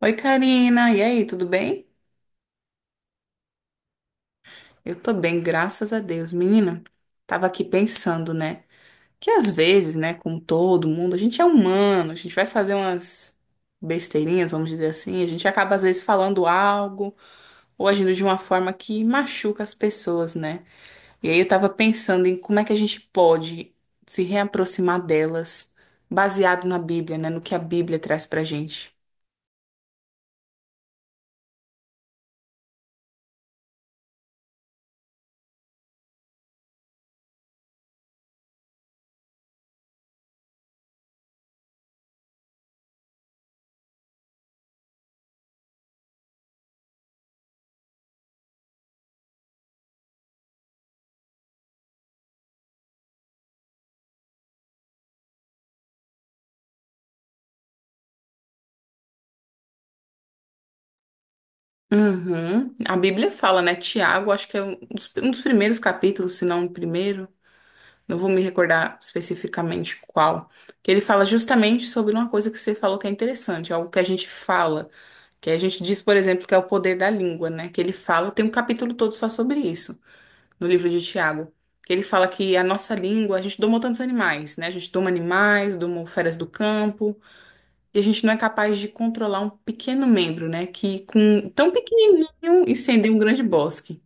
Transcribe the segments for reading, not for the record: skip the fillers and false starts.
Oi, Karina. E aí, tudo bem? Eu tô bem, graças a Deus. Menina, tava aqui pensando, né? Que às vezes, né, como todo mundo, a gente é humano, a gente vai fazer umas besteirinhas, vamos dizer assim, a gente acaba às vezes falando algo ou agindo de uma forma que machuca as pessoas, né? E aí eu tava pensando em como é que a gente pode se reaproximar delas, baseado na Bíblia, né, no que a Bíblia traz pra gente. Uhum. A Bíblia fala, né? Tiago, acho que é um dos primeiros capítulos, se não o primeiro. Não vou me recordar especificamente qual. Que ele fala justamente sobre uma coisa que você falou que é interessante, algo que a gente fala, que a gente diz, por exemplo, que é o poder da língua, né? Que ele fala, tem um capítulo todo só sobre isso, no livro de Tiago. Que ele fala que a nossa língua, a gente doma tantos animais, né? A gente doma animais, doma feras do campo e a gente não é capaz de controlar um pequeno membro, né? Que com tão pequenininho incendeia um grande bosque.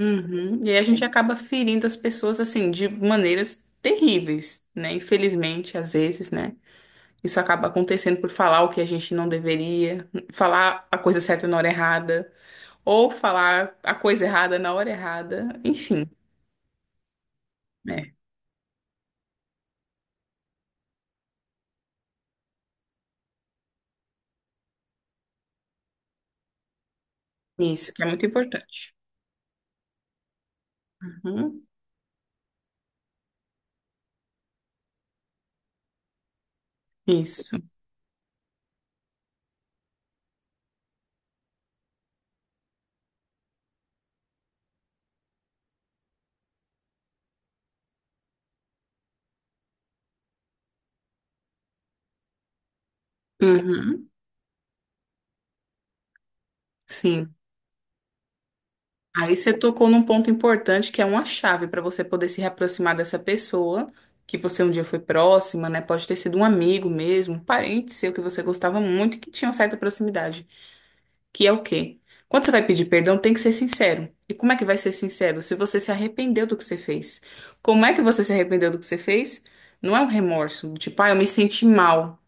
Uhum. E aí a gente acaba ferindo as pessoas assim de maneiras terríveis, né? Infelizmente, às vezes, né? Isso acaba acontecendo por falar o que a gente não deveria, falar a coisa certa na hora errada, ou falar a coisa errada na hora errada, enfim, né? Isso que é muito importante. Uhum. Isso. Uhum. Sim. Aí você tocou num ponto importante que é uma chave para você poder se reaproximar dessa pessoa que você um dia foi próxima, né? Pode ter sido um amigo mesmo, um parente seu que você gostava muito e que tinha uma certa proximidade. Que é o quê? Quando você vai pedir perdão, tem que ser sincero. E como é que vai ser sincero? Se você se arrependeu do que você fez. Como é que você se arrependeu do que você fez? Não é um remorso, do tipo, ah, eu me senti mal.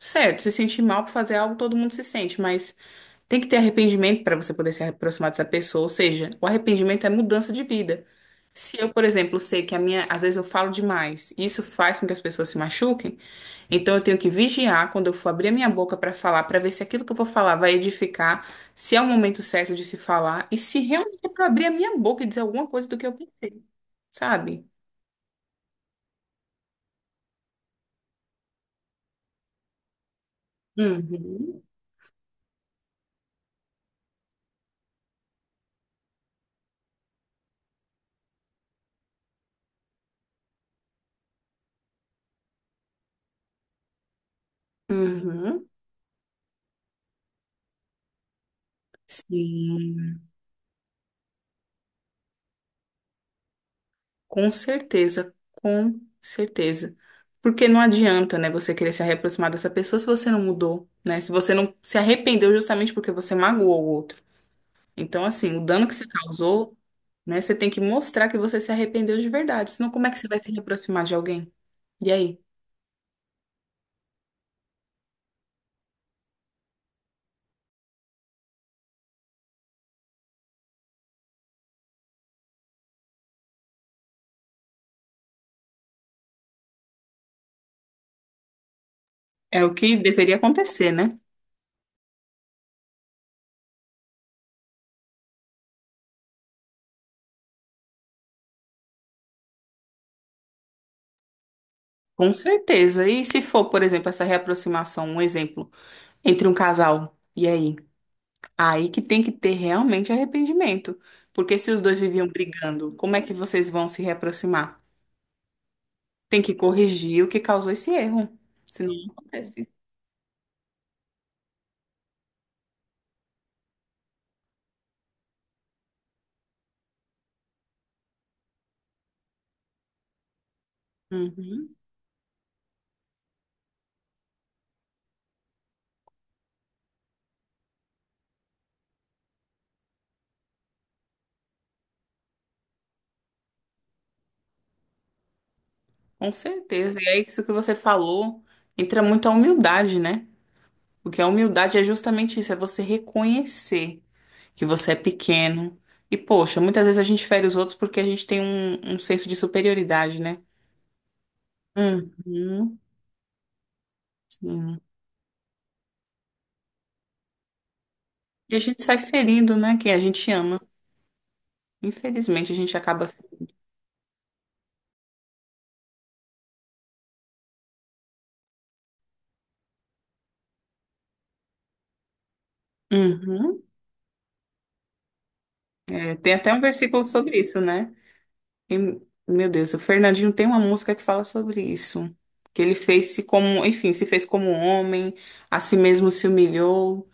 Certo, se sentir mal por fazer algo, todo mundo se sente, mas tem que ter arrependimento para você poder se aproximar dessa pessoa. Ou seja, o arrependimento é mudança de vida. Se eu, por exemplo, sei que a minha, às vezes eu falo demais, e isso faz com que as pessoas se machuquem, então eu tenho que vigiar quando eu for abrir a minha boca para falar, para ver se aquilo que eu vou falar vai edificar, se é o momento certo de se falar e se realmente é para abrir a minha boca e dizer alguma coisa do que eu pensei, sabe? Uhum, uhum, sim. Com certeza, com certeza. Porque não adianta, né, você querer se reaproximar dessa pessoa se você não mudou, né? Se você não se arrependeu justamente porque você magoou o outro. Então, assim, o dano que você causou, né, você tem que mostrar que você se arrependeu de verdade. Senão, como é que você vai se reaproximar de alguém? E aí? É o que deveria acontecer, né? Com certeza. E se for, por exemplo, essa reaproximação, um exemplo, entre um casal, e aí? Aí que tem que ter realmente arrependimento. Porque se os dois viviam brigando, como é que vocês vão se reaproximar? Tem que corrigir o que causou esse erro. Senão não acontece. Uhum, com certeza. E é isso que você falou. Entra muito a humildade, né? Porque a humildade é justamente isso, é você reconhecer que você é pequeno. E, poxa, muitas vezes a gente fere os outros porque a gente tem um senso de superioridade, né? Uhum, sim. E a gente sai ferindo, né? Quem a gente ama. Infelizmente, a gente acaba. Uhum. É, tem até um versículo sobre isso, né? E, meu Deus, o Fernandinho tem uma música que fala sobre isso. Que ele fez-se como, enfim, se fez como um homem, a si mesmo se humilhou,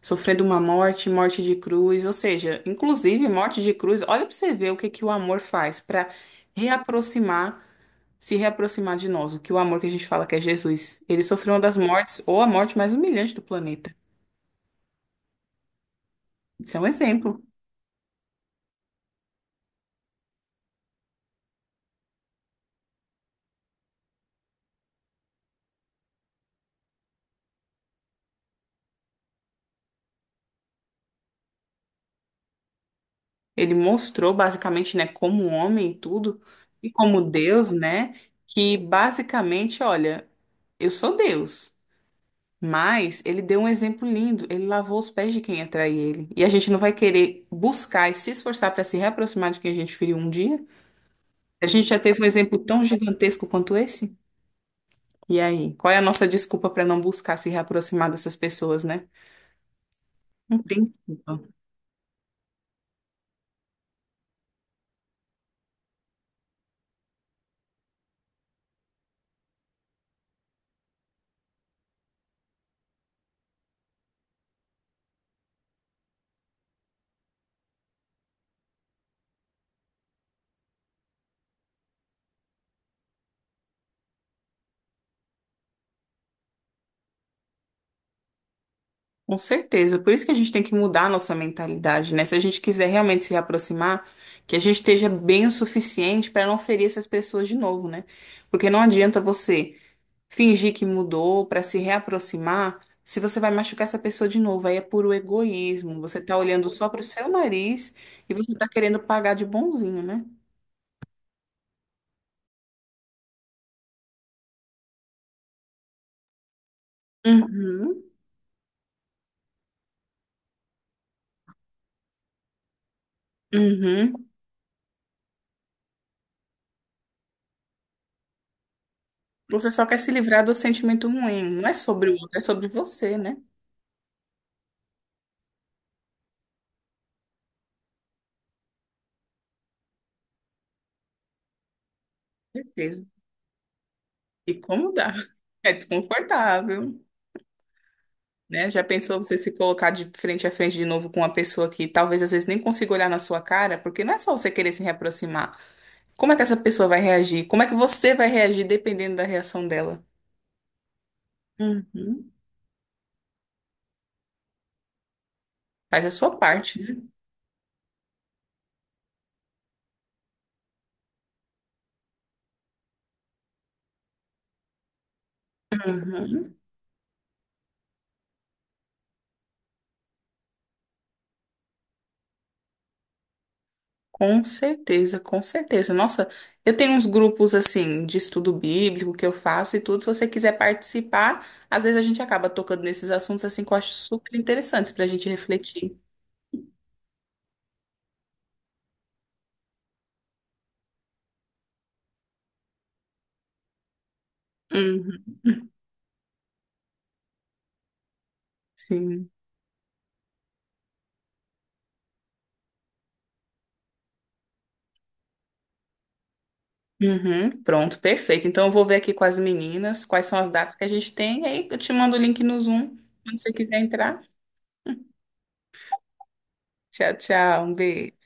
sofrendo uma morte, morte de cruz. Ou seja, inclusive morte de cruz, olha pra você ver o que que o amor faz para reaproximar, se reaproximar de nós. O que o amor que a gente fala que é Jesus. Ele sofreu uma das mortes, ou a morte mais humilhante do planeta. Isso é um exemplo. Ele mostrou basicamente, né, como um homem e tudo, e como Deus, né, que basicamente, olha, eu sou Deus, mas ele deu um exemplo lindo, ele lavou os pés de quem atrai ele. E a gente não vai querer buscar e se esforçar para se reaproximar de quem a gente feriu um dia? A gente já teve um exemplo tão gigantesco quanto esse? E aí, qual é a nossa desculpa para não buscar se reaproximar dessas pessoas, né? Não tem desculpa. Com certeza. Por isso que a gente tem que mudar a nossa mentalidade, né? Se a gente quiser realmente se aproximar, que a gente esteja bem o suficiente para não ferir essas pessoas de novo, né? Porque não adianta você fingir que mudou para se reaproximar, se você vai machucar essa pessoa de novo. Aí é puro egoísmo. Você tá olhando só pro seu nariz e você tá querendo pagar de bonzinho, né? Uhum, uhum. Você só quer se livrar do sentimento ruim. Não é sobre o outro, é sobre você, né? Certeza. E como dá? É desconfortável, né? Já pensou você se colocar de frente a frente de novo com uma pessoa que talvez às vezes nem consiga olhar na sua cara, porque não é só você querer se reaproximar. Como é que essa pessoa vai reagir? Como é que você vai reagir dependendo da reação dela? Uhum. Faz a sua parte, né? Uhum. Com certeza, com certeza. Nossa, eu tenho uns grupos assim de estudo bíblico que eu faço e tudo. Se você quiser participar, às vezes a gente acaba tocando nesses assuntos assim que eu acho super interessantes para a gente refletir. Sim. Uhum, pronto, perfeito. Então eu vou ver aqui com as meninas quais são as datas que a gente tem. E aí eu te mando o link no Zoom, quando você quiser entrar. Tchau, tchau. Um beijo.